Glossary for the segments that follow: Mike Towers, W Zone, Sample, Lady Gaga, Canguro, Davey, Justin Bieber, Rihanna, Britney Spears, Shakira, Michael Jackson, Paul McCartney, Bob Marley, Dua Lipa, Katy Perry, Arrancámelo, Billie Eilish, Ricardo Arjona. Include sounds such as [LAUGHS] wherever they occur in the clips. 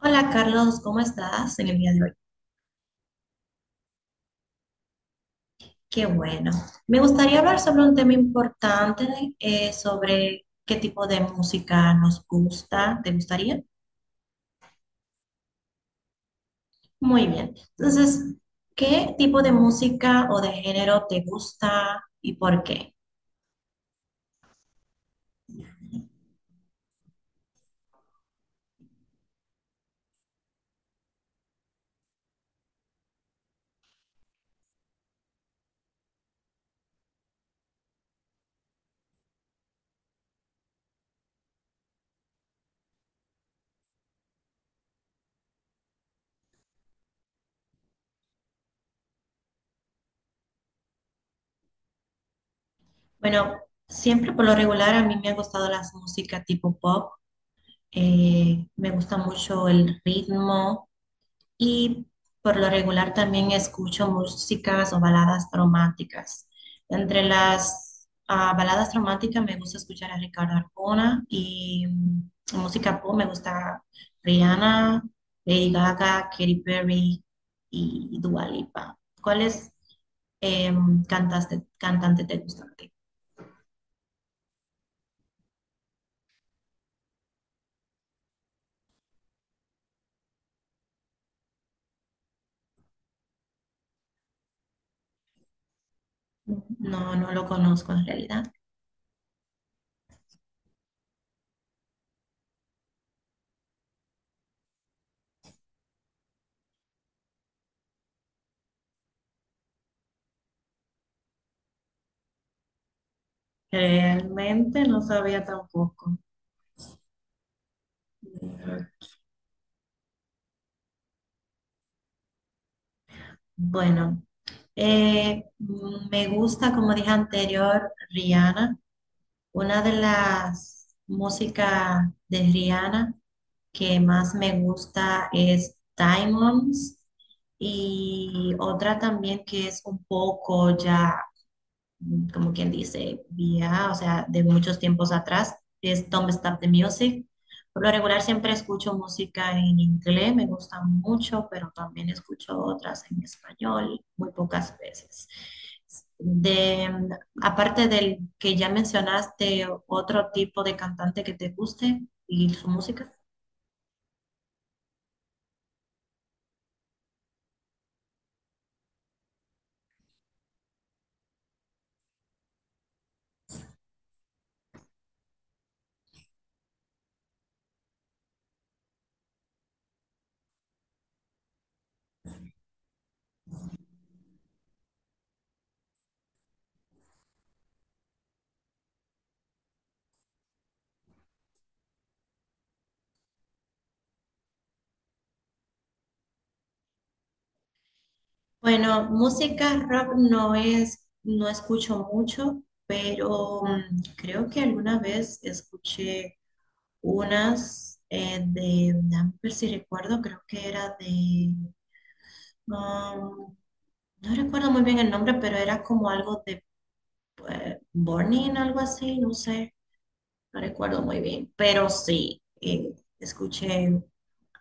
Hola Carlos, ¿cómo estás en el día de hoy? Qué bueno. Me gustaría hablar sobre un tema importante, sobre qué tipo de música nos gusta. ¿Te gustaría? Muy bien. Entonces, ¿qué tipo de música o de género te gusta y por qué? Bueno, siempre por lo regular a mí me han gustado las músicas tipo pop. Me gusta mucho el ritmo y por lo regular también escucho músicas o baladas románticas. Entre las baladas románticas me gusta escuchar a Ricardo Arjona y música pop me gusta Rihanna, Lady Gaga, Katy Perry y Dua Lipa. ¿Cuáles cantante te gusta a ti? No, no lo conozco en realidad. Realmente no sabía tampoco. Bueno. Me gusta, como dije anterior, Rihanna. Una de las músicas de Rihanna que más me gusta es Diamonds y otra también que es un poco ya como quien dice, vía, o sea, de muchos tiempos atrás, es Don't Stop the Music. Por lo regular siempre escucho música en inglés, me gusta mucho, pero también escucho otras en español, muy pocas veces. De, mm, Aparte del que ya mencionaste, otro tipo de cantante que te guste y su música. Bueno, música rock no es, no escucho mucho, pero creo que alguna vez escuché unas dame ver si recuerdo, creo que era de, um, no recuerdo muy bien el nombre, pero era como algo de Burning, algo así, no sé, no recuerdo muy bien. Pero sí, escuché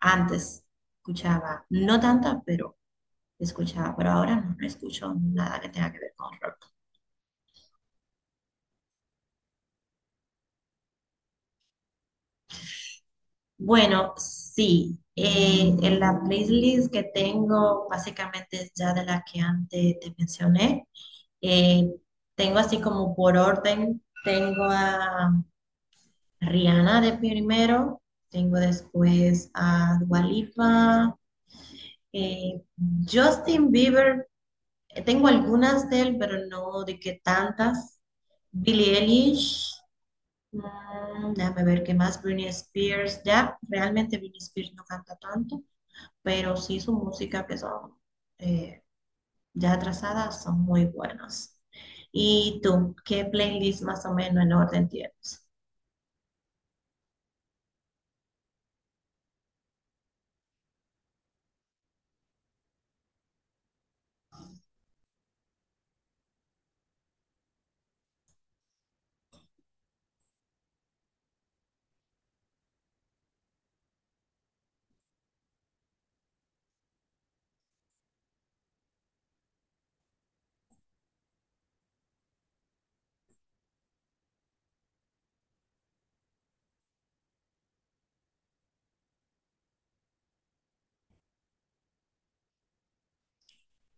antes, escuchaba, no tanta, pero escuchaba, pero ahora no, no escucho nada que tenga que ver con rock. Bueno, sí, en la playlist que tengo básicamente es ya de la que antes te mencioné. Eh, Tengo así como por orden, tengo a Rihanna de primero, tengo después a Dua Lipa, eh, Justin Bieber, tengo algunas de él, pero no de que tantas. Billie Eilish, déjame ver qué más, Britney Spears, ya, realmente Britney Spears no canta tanto, pero sí su música que son... ya trazadas son muy buenos. ¿Y tú, qué playlist más o menos en orden tienes?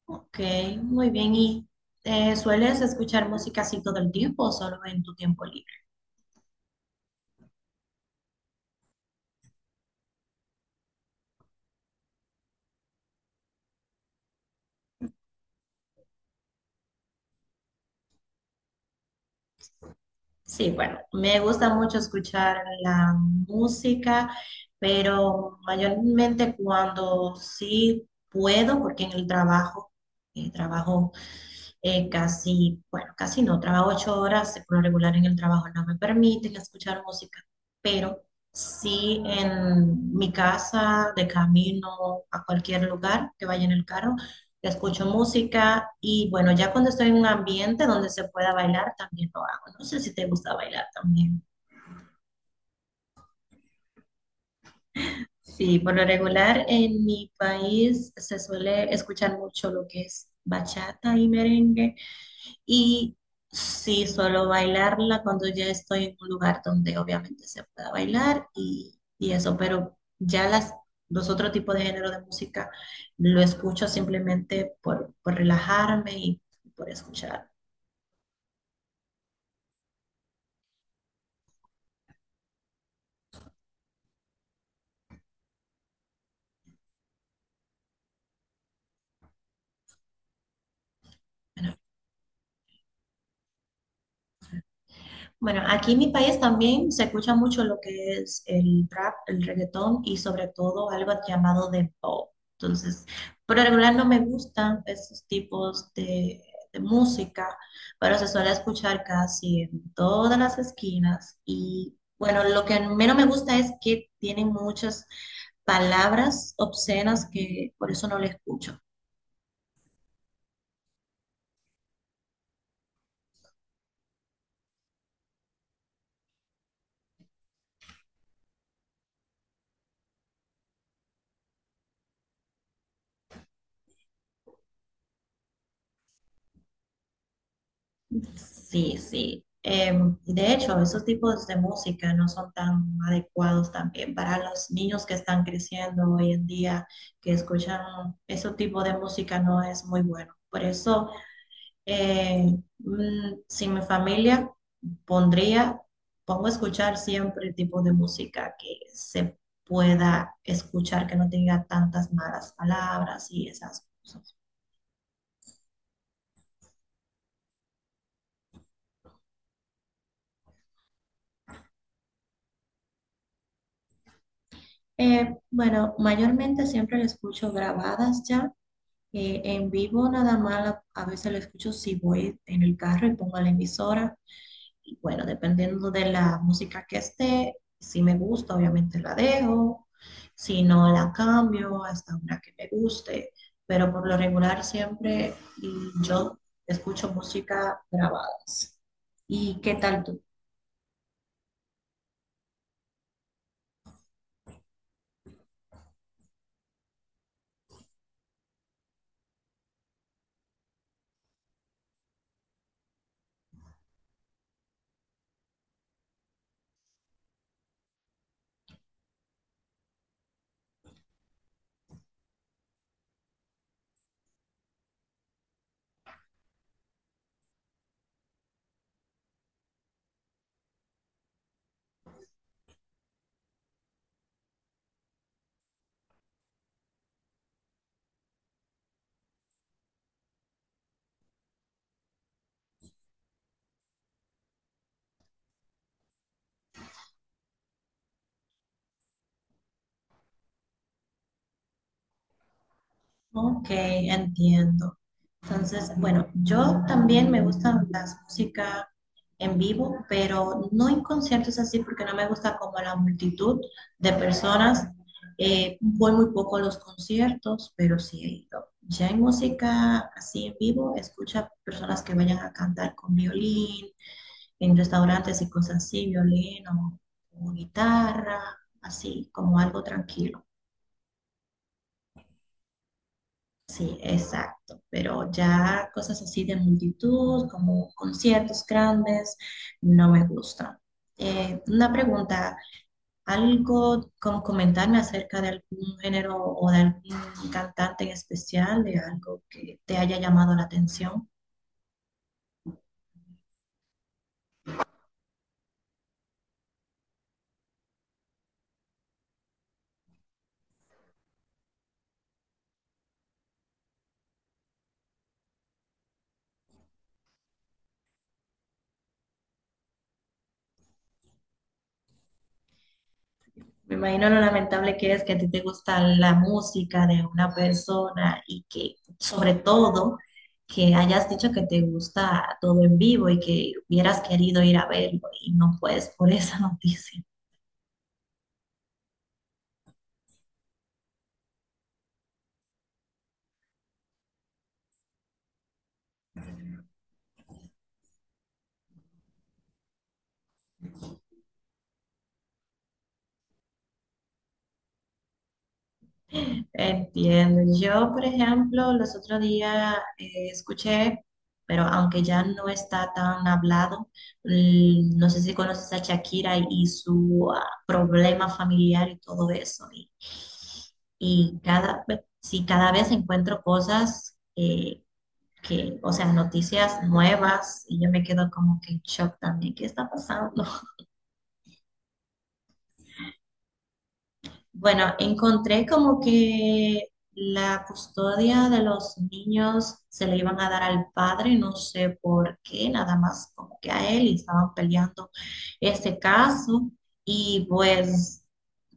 Ok, muy bien. ¿Y sueles escuchar música así todo el tiempo o solo en tu tiempo libre? Sí, bueno, me gusta mucho escuchar la música, pero mayormente cuando sí puedo, porque en el trabajo, eh, trabajo casi, bueno, casi no, trabajo 8 horas, por lo regular en el trabajo no me permiten escuchar música, pero sí en mi casa, de camino a cualquier lugar que vaya en el carro, escucho música y bueno, ya cuando estoy en un ambiente donde se pueda bailar, también lo hago. No sé si te gusta bailar también. Sí, por lo regular en mi país se suele escuchar mucho lo que es bachata y merengue y sí, solo bailarla cuando ya estoy en un lugar donde obviamente se pueda bailar y eso, pero ya los otros tipos de género de música lo escucho simplemente por relajarme y por escuchar. Bueno, Bueno, aquí en mi país también se escucha mucho lo que es el rap, el reggaetón y sobre todo algo llamado de pop. Entonces, por lo regular no me gustan esos tipos de música, pero se suele escuchar casi en todas las esquinas. Y bueno, lo que menos me gusta es que tienen muchas palabras obscenas que por eso no le escucho. Sí, sí. Y de hecho, esos tipos de música no son tan adecuados también para los niños que están creciendo hoy en día, que escuchan ese tipo de música no es muy bueno. Por eso, sin mi familia, pondría, pongo a escuchar siempre tipo de música que se pueda escuchar, que no tenga tantas malas palabras y esas cosas. Bueno, mayormente siempre la escucho grabadas ya. En vivo nada más, a veces lo escucho si voy en el carro y pongo la emisora. Y bueno, dependiendo de la música que esté, si me gusta, obviamente la dejo. Si no, la cambio hasta una que me guste. Pero por lo regular siempre yo escucho música grabadas. ¿Y qué tal tú? Ok, entiendo. Entonces, bueno, yo también me gustan las músicas en vivo, pero no en conciertos así porque no me gusta como la multitud de personas. Voy muy poco a los conciertos, pero sí he ido. Ya en música así en vivo, escucho a personas que vayan a cantar con violín, en restaurantes y cosas así, violín o guitarra, así como algo tranquilo. Sí, exacto, pero ya cosas así de multitud, como conciertos grandes, no me gustan. Una pregunta, ¿algo como comentarme acerca de algún género o de algún cantante en especial, de algo que te haya llamado la atención? Me imagino lo lamentable que es que a ti te gusta la música de una persona y que, sobre todo, que hayas dicho que te gusta todo en vivo y que hubieras querido ir a verlo y no puedes por esa [LAUGHS] noticia. Entiendo. Yo, por ejemplo, los otros días escuché, pero aunque ya no está tan hablado, no sé si conoces a Shakira y su problema familiar y todo eso. Y sí, cada vez encuentro cosas que, o sea, noticias nuevas y yo me quedo como que en shock también. ¿Qué está pasando? Bueno, encontré como que la custodia de los niños se le iban a dar al padre, no sé por qué, nada más como que a él y estaban peleando ese caso. Y pues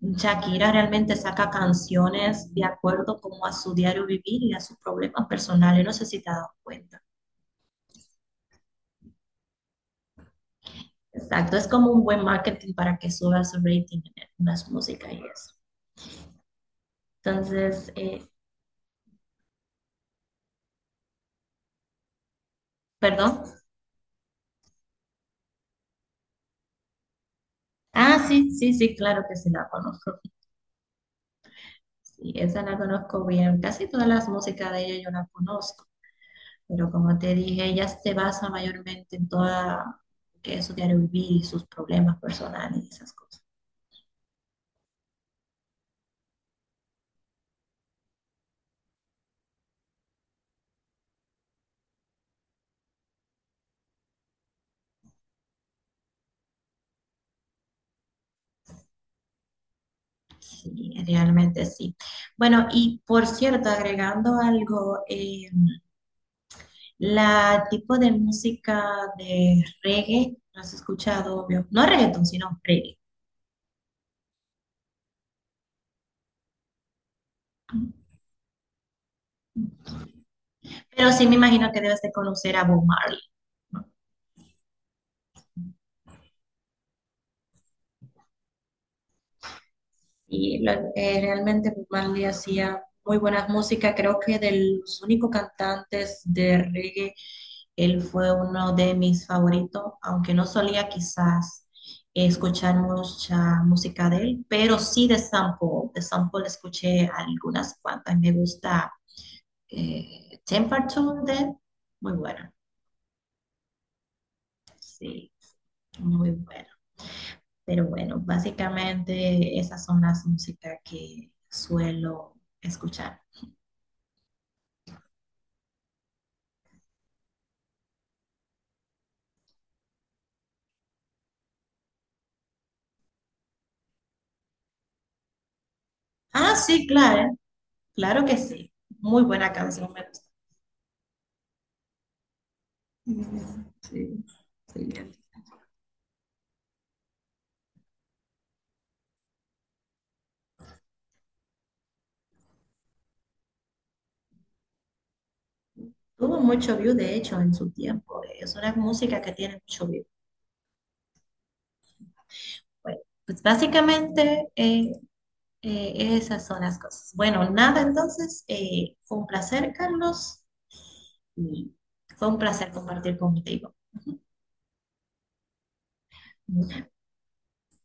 Shakira realmente saca canciones de acuerdo como a su diario vivir y a sus problemas personales, no sé si te has dado cuenta. Exacto, es como un buen marketing para que suba su rating en las músicas y eso. Entonces, perdón. Ah, sí, sí, sí, claro que sí la conozco. Sí, esa la conozco bien. Casi todas las músicas de ella yo la conozco, pero como te dije, ella se basa mayormente en toda que es su diario vivir y sus problemas personales y esas cosas. Sí, realmente sí. Bueno, y por cierto, agregando algo, la tipo de música de reggae, no has escuchado, obvio, no reggaeton, sino reggae. Pero sí me imagino que debes de conocer a Bob Marley. Y realmente Bob Marley hacía muy buenas músicas. Creo que de los únicos cantantes de reggae, él fue uno de mis favoritos, aunque no solía quizás escuchar mucha música de él, pero sí de Sample. De Sample escuché algunas cuantas. Me gusta Temperature de él, muy buena. Sí, muy buena. Pero bueno, básicamente esas son las músicas que suelo escuchar. Ah, sí, claro, claro que sí. Muy buena canción, me gusta. Sí, excelente. Tuvo mucho view, de hecho, en su tiempo. Es una música que tiene mucho view. Bueno, pues básicamente esas son las cosas. Bueno, nada, entonces, fue un placer, Carlos, y fue un placer compartir contigo.